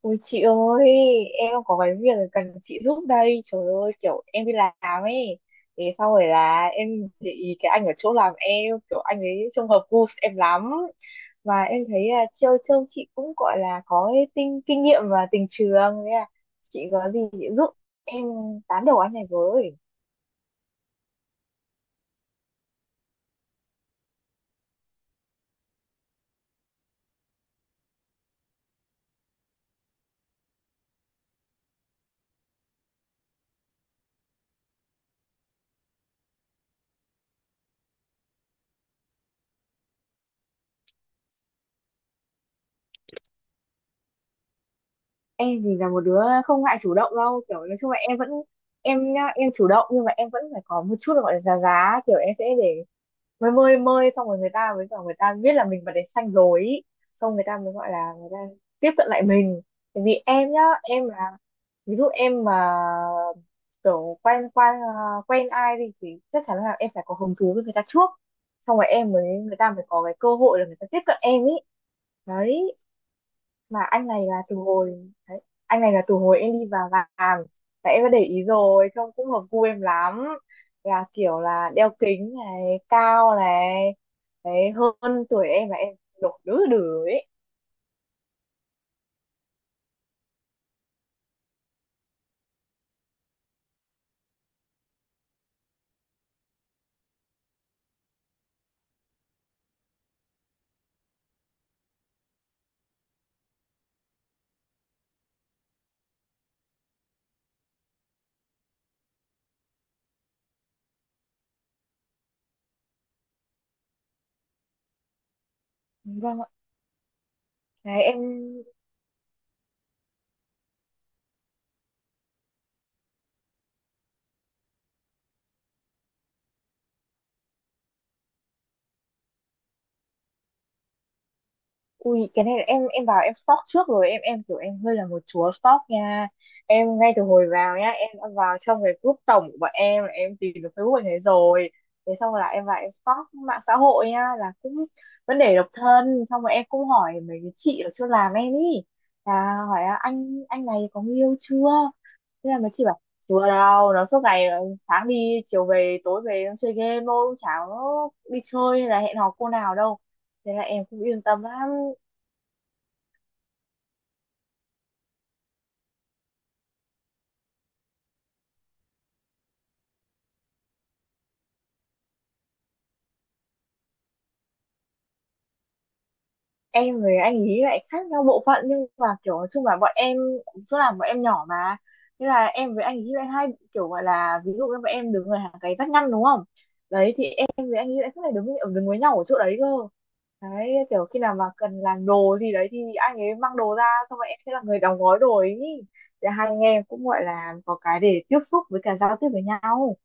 Ôi chị ơi, em có cái việc cần chị giúp đây. Trời ơi, kiểu em đi làm ấy. Thế sau rồi là em để ý cái anh ở chỗ làm em, kiểu anh ấy trông hợp gu em lắm. Và em thấy là trêu trêu chị cũng gọi là có cái kinh nghiệm và tình trường. Thế là chị có gì chị giúp em tán đầu anh này với. Em thì là một đứa không ngại chủ động đâu. Kiểu nói chung là em chủ động nhưng mà em vẫn phải có một chút là gọi là giá giá. Kiểu em sẽ để mới mơi mơi xong rồi người ta biết là mình bật đèn xanh rồi ý. Xong người ta mới gọi là người ta tiếp cận lại mình, tại vì em nhá, em là ví dụ em mà kiểu quen quen ờ, quen ai đi thì chắc chắn là em phải có hứng thú với người ta trước, xong rồi em mới người ta mới có cái cơ hội là người ta tiếp cận em ý. Đấy, mà anh này là từ hồi đấy, anh này là từ hồi em đi vào làm, tại em đã để ý rồi trông cũng hợp gu em lắm, là kiểu là đeo kính này, cao này, đấy, hơn tuổi em, là em đổ đứa đứa ấy. Vâng ạ. Đấy em. Ui cái này là em vào em stalk trước rồi, em kiểu em hơi là một chúa stalk nha. Em ngay từ hồi vào nhá, em đã vào trong cái group tổng của bọn em, là em tìm được Facebook bạn ấy rồi. Thế xong là em vào em stalk mạng xã hội nha, là cũng vấn đề độc thân. Xong rồi em cũng hỏi mấy cái chị ở chưa làm em ý, là hỏi là anh này có người yêu chưa. Thế là mấy chị bảo chưa đâu, nó suốt ngày sáng đi chiều về, tối về nó chơi game thôi, cũng chả có đi chơi hay là hẹn hò cô nào đâu. Thế là em cũng yên tâm lắm. Em với anh ý lại khác nhau bộ phận, nhưng mà kiểu nói chung là bọn em, chỗ làm bọn em nhỏ mà. Thế là em với anh ý lại hai, kiểu gọi là ví dụ như bọn em đứng ở hàng cái vách ngăn đúng không, đấy thì em với anh ý lại suốt ngày đứng với nhau ở chỗ đấy cơ. Đấy, kiểu khi nào mà cần làm đồ gì đấy thì anh ấy mang đồ ra, xong rồi em sẽ là người đóng gói đồ ấy, thì hai anh em cũng gọi là có cái để tiếp xúc với cả giao tiếp với nhau.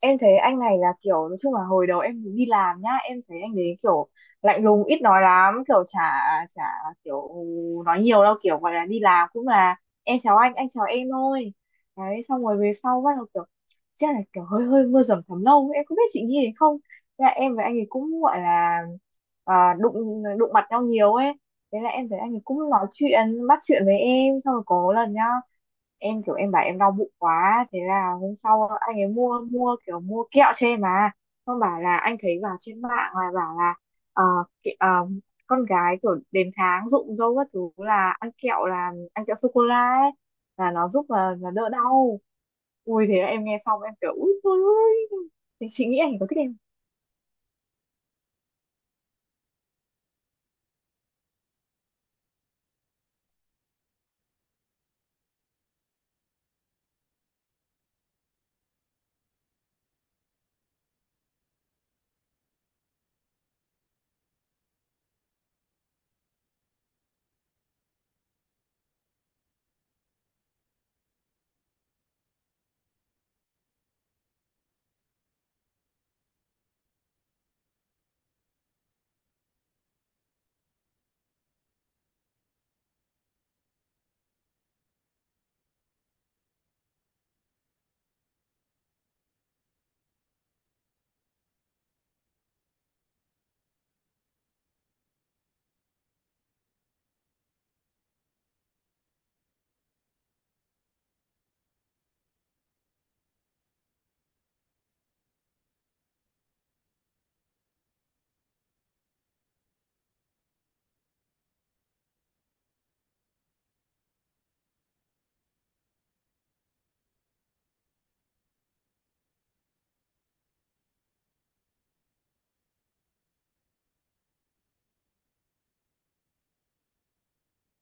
Em thấy anh này là kiểu nói chung là hồi đầu em đi làm nhá, em thấy anh đấy kiểu lạnh lùng ít nói lắm, kiểu chả chả kiểu nói nhiều đâu, kiểu gọi là đi làm cũng là em chào anh chào em thôi. Đấy xong rồi về sau bắt đầu kiểu, chắc là kiểu hơi hơi mưa dầm thấm lâu, em không biết chị nghĩ thế không. Thế là em với anh ấy cũng gọi là, đụng đụng mặt nhau nhiều ấy. Thế là em thấy anh ấy cũng nói chuyện bắt chuyện với em, xong rồi có lần nhá, em kiểu em bảo em đau bụng quá, thế là hôm sau anh ấy mua mua kiểu mua kẹo cho em mà, xong bảo là anh thấy vào trên mạng là bảo là, ờ, kẹ- ờ, con gái kiểu đến tháng rụng râu các thứ là ăn kẹo, là ăn kẹo sô cô la ấy, là nó giúp là đỡ đau. Ui thế là em nghe xong em kiểu ui trời ơi, chị nghĩ anh có thích em.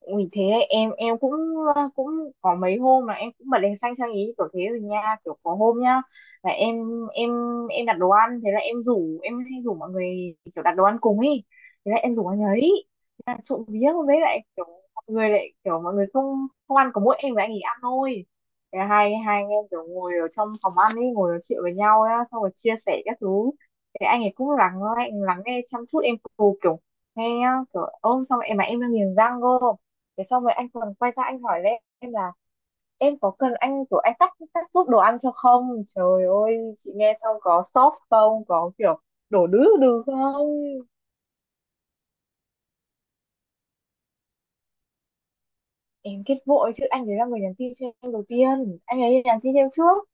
Ui thế đấy, em cũng cũng có mấy hôm là em cũng bật đèn xanh sang ý kiểu thế rồi nha, kiểu có hôm nhá, là em em đặt đồ ăn, thế là em rủ em hay rủ mọi người kiểu đặt đồ ăn cùng ý, thế là em rủ anh ấy. Thế là trộm vía với lại kiểu mọi người lại kiểu mọi người không không ăn, có mỗi em và anh ấy ăn thôi. Thế là hai hai anh em kiểu ngồi ở trong phòng ăn ấy, ngồi nói chuyện với nhau á, xong rồi chia sẻ các thứ. Thế anh ấy cũng lắng lắng lắng nghe chăm chút em cầu kiểu nghe nhá, kiểu ôm xong em mà em đang nghiền răng cơ. Thế xong rồi anh còn quay ra anh hỏi lên em là, em có cần anh kiểu anh cắt cắt giúp đồ ăn cho không. Trời ơi chị nghe xong có sốt không, có kiểu đổ đứ đừ không. Em kết vội chứ, anh ấy là người nhắn tin cho em đầu tiên, anh ấy nhắn tin cho em trước.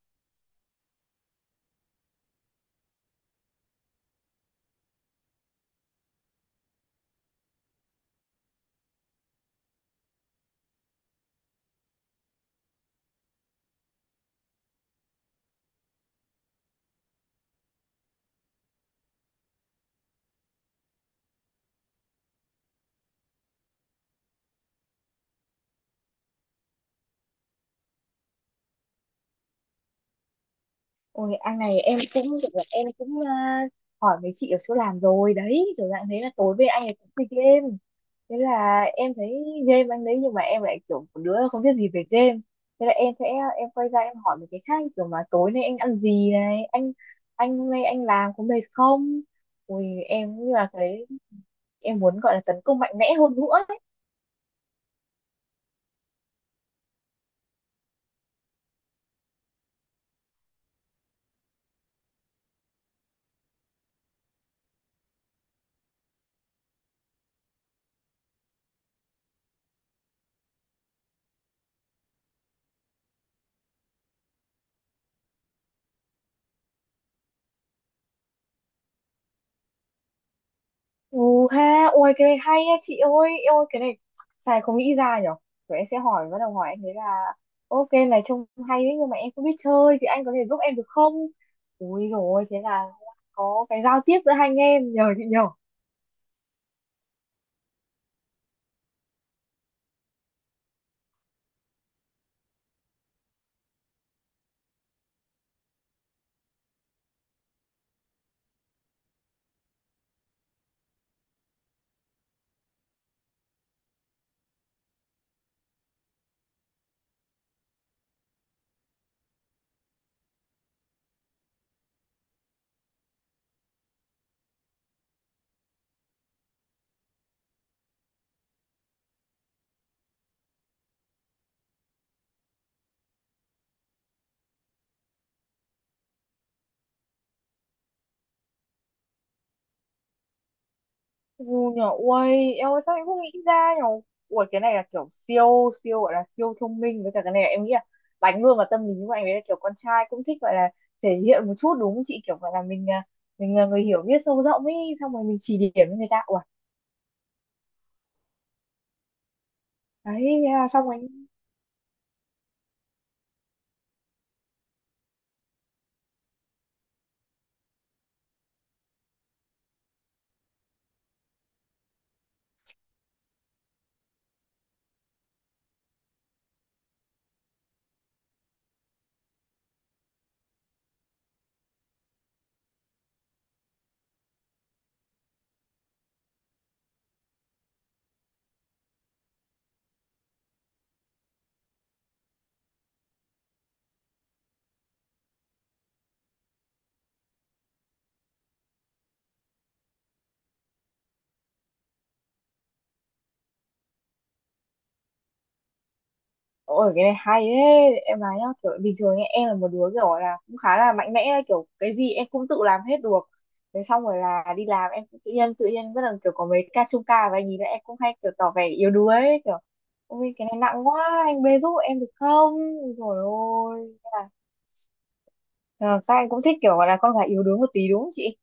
Ôi anh này em cũng, em cũng à, hỏi mấy chị ở chỗ làm rồi đấy, kiểu dạng thế, là tối về anh ấy cũng chơi game. Thế là em thấy game anh đấy, nhưng mà em lại kiểu một đứa không biết gì về game. Thế là em sẽ, em quay ra em hỏi mấy cái khác kiểu mà tối nay anh ăn gì này, anh hôm nay anh làm có mệt không. Ui em như là cái em muốn gọi là tấn công mạnh mẽ hơn nữa. Ừ ha, ôi cái này hay nha chị ơi, em ơi cái này xài không nghĩ ra nhở. Rồi em sẽ hỏi, bắt đầu hỏi anh ấy là, ok này trông hay đấy nhưng mà em không biết chơi, thì anh có thể giúp em được không? Ui rồi thế là có cái giao tiếp giữa hai anh em nhờ chị nhờ. Ừ nhờ, ui em ơi sao em không nghĩ ra nhở. Ui cái này là kiểu siêu, siêu gọi là siêu thông minh, với cả cái này là em nghĩ là đánh luôn vào tâm lý của anh ấy, là kiểu con trai cũng thích gọi là thể hiện một chút đúng không chị? Kiểu gọi là mình là người hiểu biết sâu rộng ấy, xong rồi mình chỉ điểm cho người ta. Ui, đấy thế là xong anh. Ôi cái này hay đấy em nói nhá, kiểu bình thường ấy, em là một đứa kiểu là cũng khá là mạnh mẽ ấy, kiểu cái gì em cũng tự làm hết được. Thế xong rồi là đi làm em cũng tự nhiên bắt đầu kiểu có mấy ca chung ca và nhìn lại, em cũng hay kiểu tỏ vẻ yếu đuối ấy, kiểu ôi cái này nặng quá anh bê giúp em được không. Rồi ôi thế là, ờ, các anh cũng thích kiểu gọi là con gái yếu đuối một tí đúng không chị.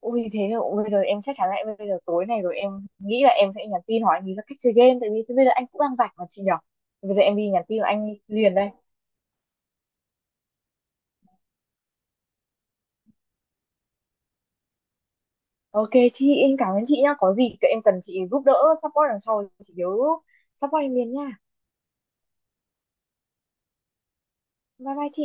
Ui thế là ui, bây giờ em chắc chắn lại, bây giờ tối này rồi em nghĩ là em sẽ nhắn tin hỏi anh ý là cách chơi game, tại vì thế bây giờ anh cũng đang rảnh mà chị nhở. Thì bây giờ em đi nhắn tin là anh liền đây. Ok chị, em cảm ơn chị nhá, có gì em cần chị giúp đỡ support đằng sau thì chị nhớ support em liền nha. Bye bye chị.